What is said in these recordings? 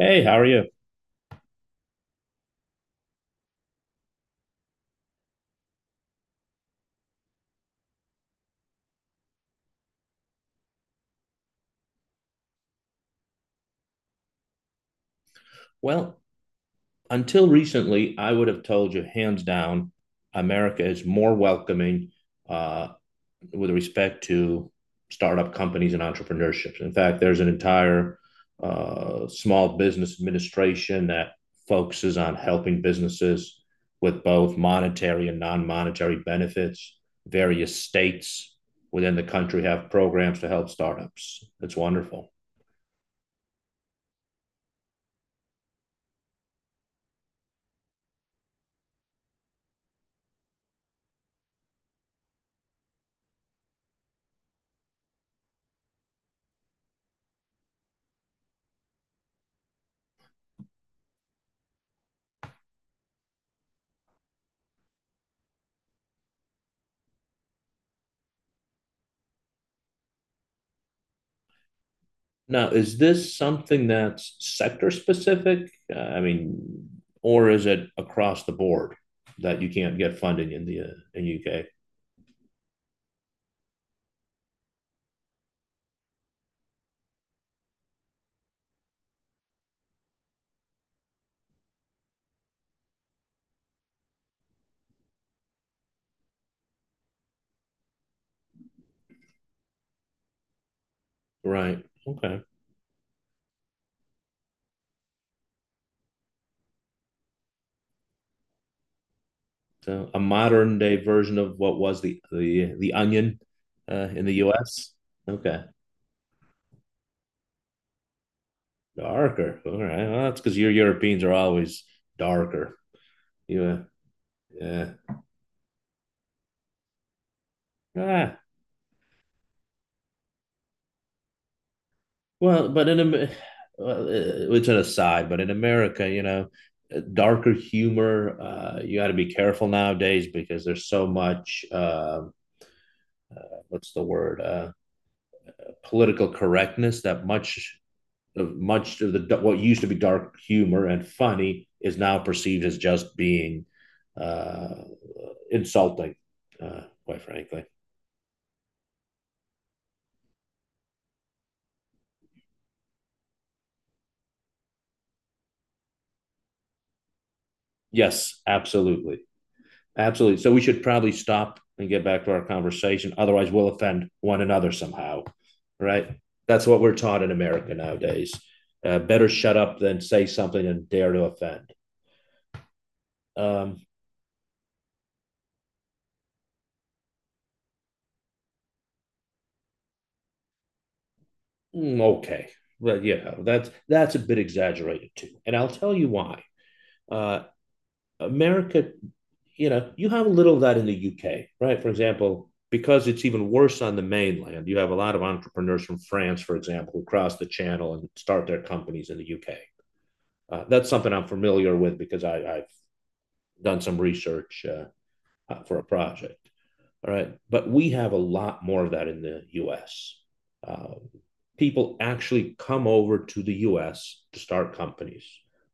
Hey, how are you? Well, until recently, I would have told you hands down, America is more welcoming uh, with respect to startup companies and entrepreneurships. In fact, there's an entire small business administration that focuses on helping businesses with both monetary and non-monetary benefits. Various states within the country have programs to help startups. It's wonderful. Now, is this something that's sector specific? I mean, or is it across the board that you can't get funding in the in UK? Right. Okay. So a modern day version of what was the onion in the US. Okay. Darker. All right. Well, that's because your Europeans are always darker. You were, yeah. Ah, well, but in well, it's an aside, but in America, you know, darker humor, you got to be careful nowadays because there's so much, what's the word, political correctness that much of the what used to be dark humor and funny is now perceived as just being uh, insulting, quite frankly. Yes, absolutely. Absolutely. So we should probably stop and get back to our conversation. Otherwise, we'll offend one another somehow. Right? That's what we're taught in America nowadays. Better shut up than say something and dare to offend. Um, okay. Well, yeah, that's a bit exaggerated too. And I'll tell you why. Uh, America, you know, you have a little of that in the UK, right? For example, because it's even worse on the mainland, you have a lot of entrepreneurs from France, for example, who cross the channel and start their companies in the UK. That's something I'm familiar with because I have done some research for a project. All right. But we have a lot more of that in the US. Uh, People actually come over to the US to start companies.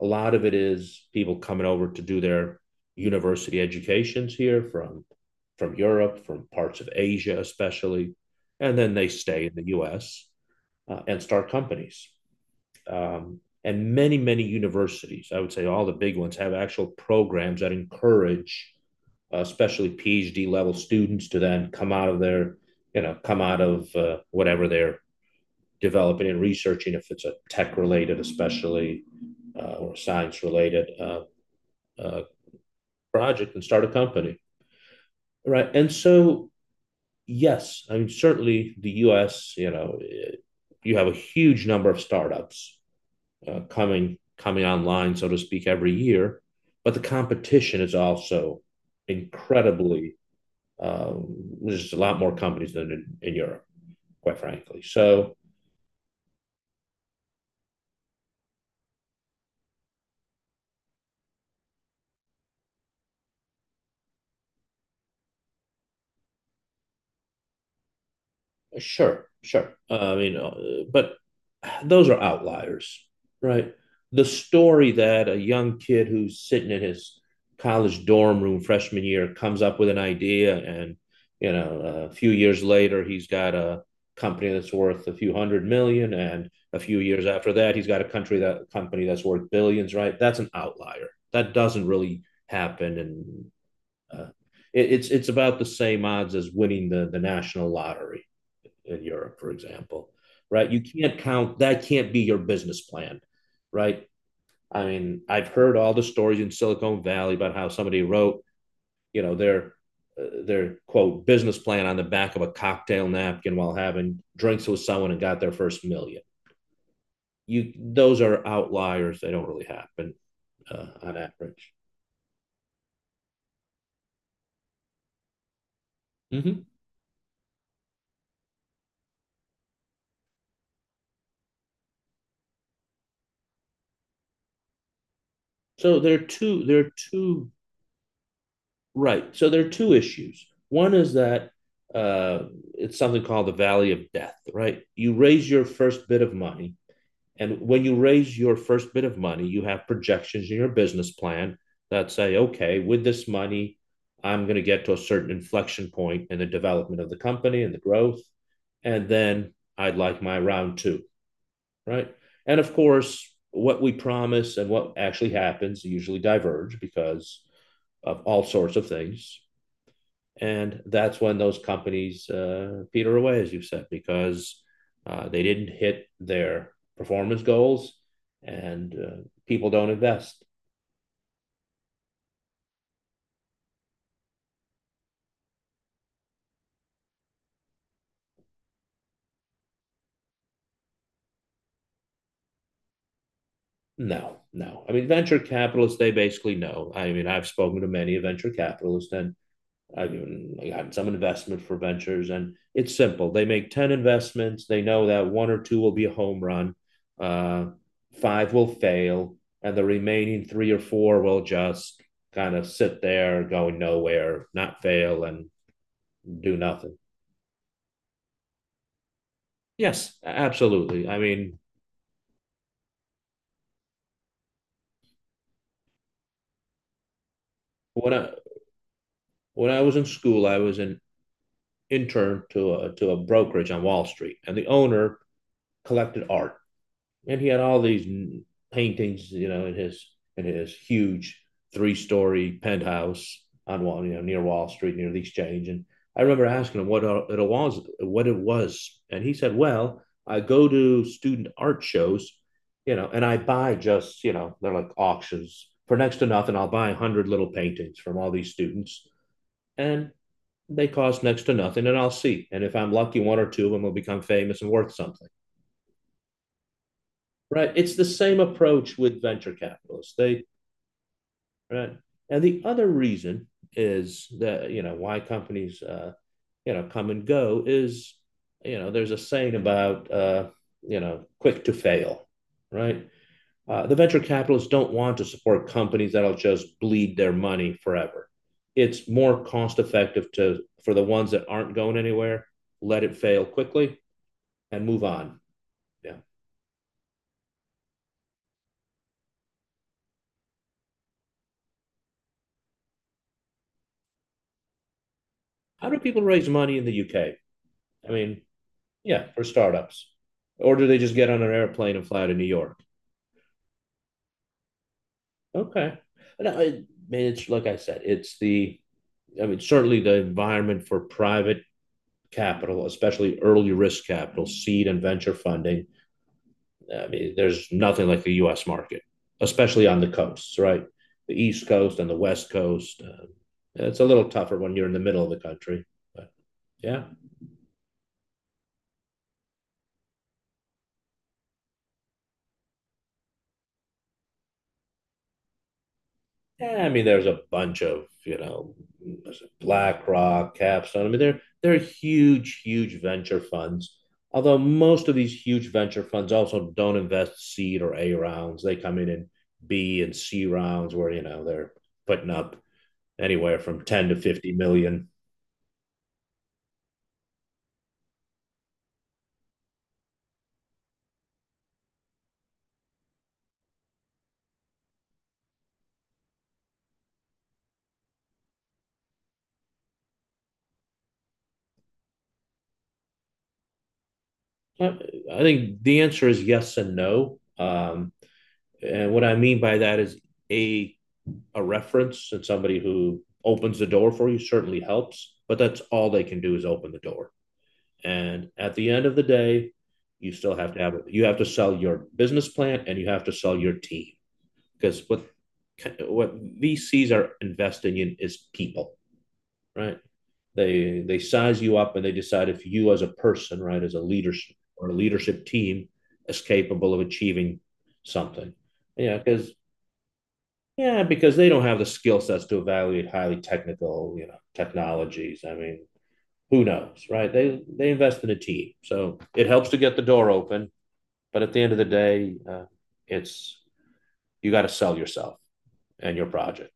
A lot of it is people coming over to do their university educations here from Europe, from parts of Asia, especially. And then they stay in the US and start companies, and many universities, I would say all the big ones, have actual programs that encourage especially PhD level students to then come out of their, you know, come out of whatever they're developing and researching, if it's a tech related especially or science related uh, project, and start a company, right? And so yes, I mean certainly the US, you know, you have a huge number of startups coming online, so to speak, every year. But the competition is also incredibly there's a lot more companies than in Europe, quite frankly. So sure, sure. I mean, but those are outliers, right? The story that a young kid who's sitting in his college dorm room freshman year comes up with an idea, and you know, a few years later, he's got a company that's worth a few hundred million, and a few years after that, he's got a country that company that's worth billions, right? That's an outlier. That doesn't really happen, and uh, it's about the same odds as winning the national lottery in Europe, for example, right? You can't count that can't be your business plan, right? I mean, I've heard all the stories in Silicon Valley about how somebody wrote, you know, their quote business plan on the back of a cocktail napkin while having drinks with someone and got their first million. You those are outliers; they don't really happen on average. Mm-hmm. There are two, right? So there are two issues. One is that uh, it's something called the valley of death, right? You raise your first bit of money. And when you raise your first bit of money, you have projections in your business plan that say, okay, with this money, I'm going to get to a certain inflection point in the development of the company and the growth. And then I'd like my round two, right? And of course, what we promise and what actually happens usually diverge because of all sorts of things, and that's when those companies peter away, as you have said, because they didn't hit their performance goals, and people don't invest. No, no. I mean, venture capitalists, they basically know. I mean, I've spoken to many venture capitalists, and I got some investment for ventures, and it's simple. They make 10 investments. They know that one or two will be a home run, uh, five will fail, and the remaining three or four will just kind of sit there going nowhere, not fail, and do nothing. Yes, absolutely. I mean, when I when I was in school, I was an intern to a brokerage on Wall Street, and the owner collected art, and he had all these paintings, you know, in his, in his huge three-story penthouse on Wall, you know, near Wall Street, near the Exchange. And I remember asking him what what it was, and he said, "Well, I go to student art shows, you know, and I buy just, you know, they're like auctions for next to nothing. I'll buy a hundred little paintings from all these students, and they cost next to nothing, and I'll see. And if I'm lucky, one or two of them will become famous and worth something." Right. It's the same approach with venture capitalists. They right. And the other reason is that, you know, why companies you know come and go is, you know, there's a saying about you know, quick to fail, right? The venture capitalists don't want to support companies that'll just bleed their money forever. It's more cost effective to, for the ones that aren't going anywhere, let it fail quickly and move on. Yeah. How do people raise money in the UK? I mean, yeah, for startups. Or do they just get on an airplane and fly to New York? Okay. No, I mean, it's like I said, it's the, I mean, certainly the environment for private capital, especially early risk capital, seed and venture funding. I mean, there's nothing like the US market, especially on the coasts, right? The East Coast and the West Coast. It's a little tougher when you're in the middle of the country. But yeah, yeah, I mean, there's a bunch of, you know, BlackRock, Capstone. I mean, they're huge, huge venture funds. Although most of these huge venture funds also don't invest seed or A rounds, they come in B and C rounds where you know they're putting up anywhere from 10 to 50 million. I I think the answer is yes and no. And what I mean by that is a a reference and somebody who opens the door for you certainly helps, but that's all they can do is open the door. And at the end of the day, you still have to have it. You have to sell your business plan and you have to sell your team, because what VCs are investing in is people, right? They size you up and they decide if you as a person, right, as a leadership or a leadership team is capable of achieving something. Yeah, because yeah, because they don't have the skill sets to evaluate highly technical, you know, technologies. I mean, who knows, right? They invest in a team, so it helps to get the door open. But at the end of the day, it's you got to sell yourself and your project.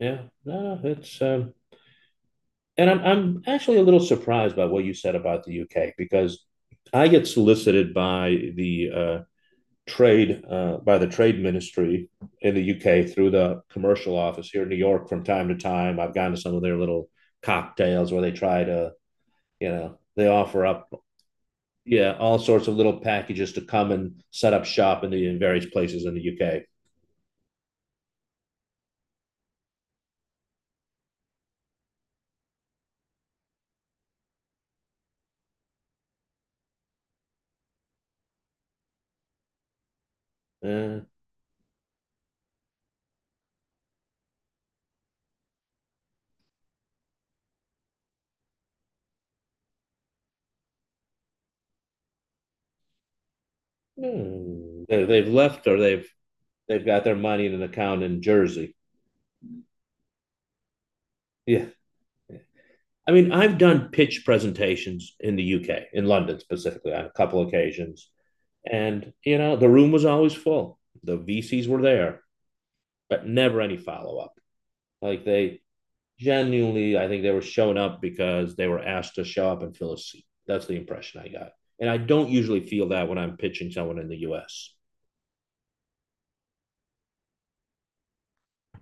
Yeah, no, no, it's and I'm actually a little surprised by what you said about the UK, because I get solicited by the trade by the trade ministry in the UK through the commercial office here in New York from time to time. I've gone to some of their little cocktails where they try to, you know, they offer up, yeah, all sorts of little packages to come and set up shop in the, in various places in the UK. Uh, hmm. They've left or they've got their money in an account in Jersey. Yeah, I mean, I've done pitch presentations in the UK, in London specifically, on a couple occasions. And, you know, the room was always full. The VCs were there, but never any follow up. Like they genuinely, I think they were showing up because they were asked to show up and fill a seat. That's the impression I got. And I don't usually feel that when I'm pitching someone in the US.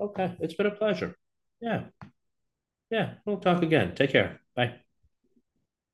Okay, it's been a pleasure. Yeah, yeah, we'll talk again. Take care. Bye.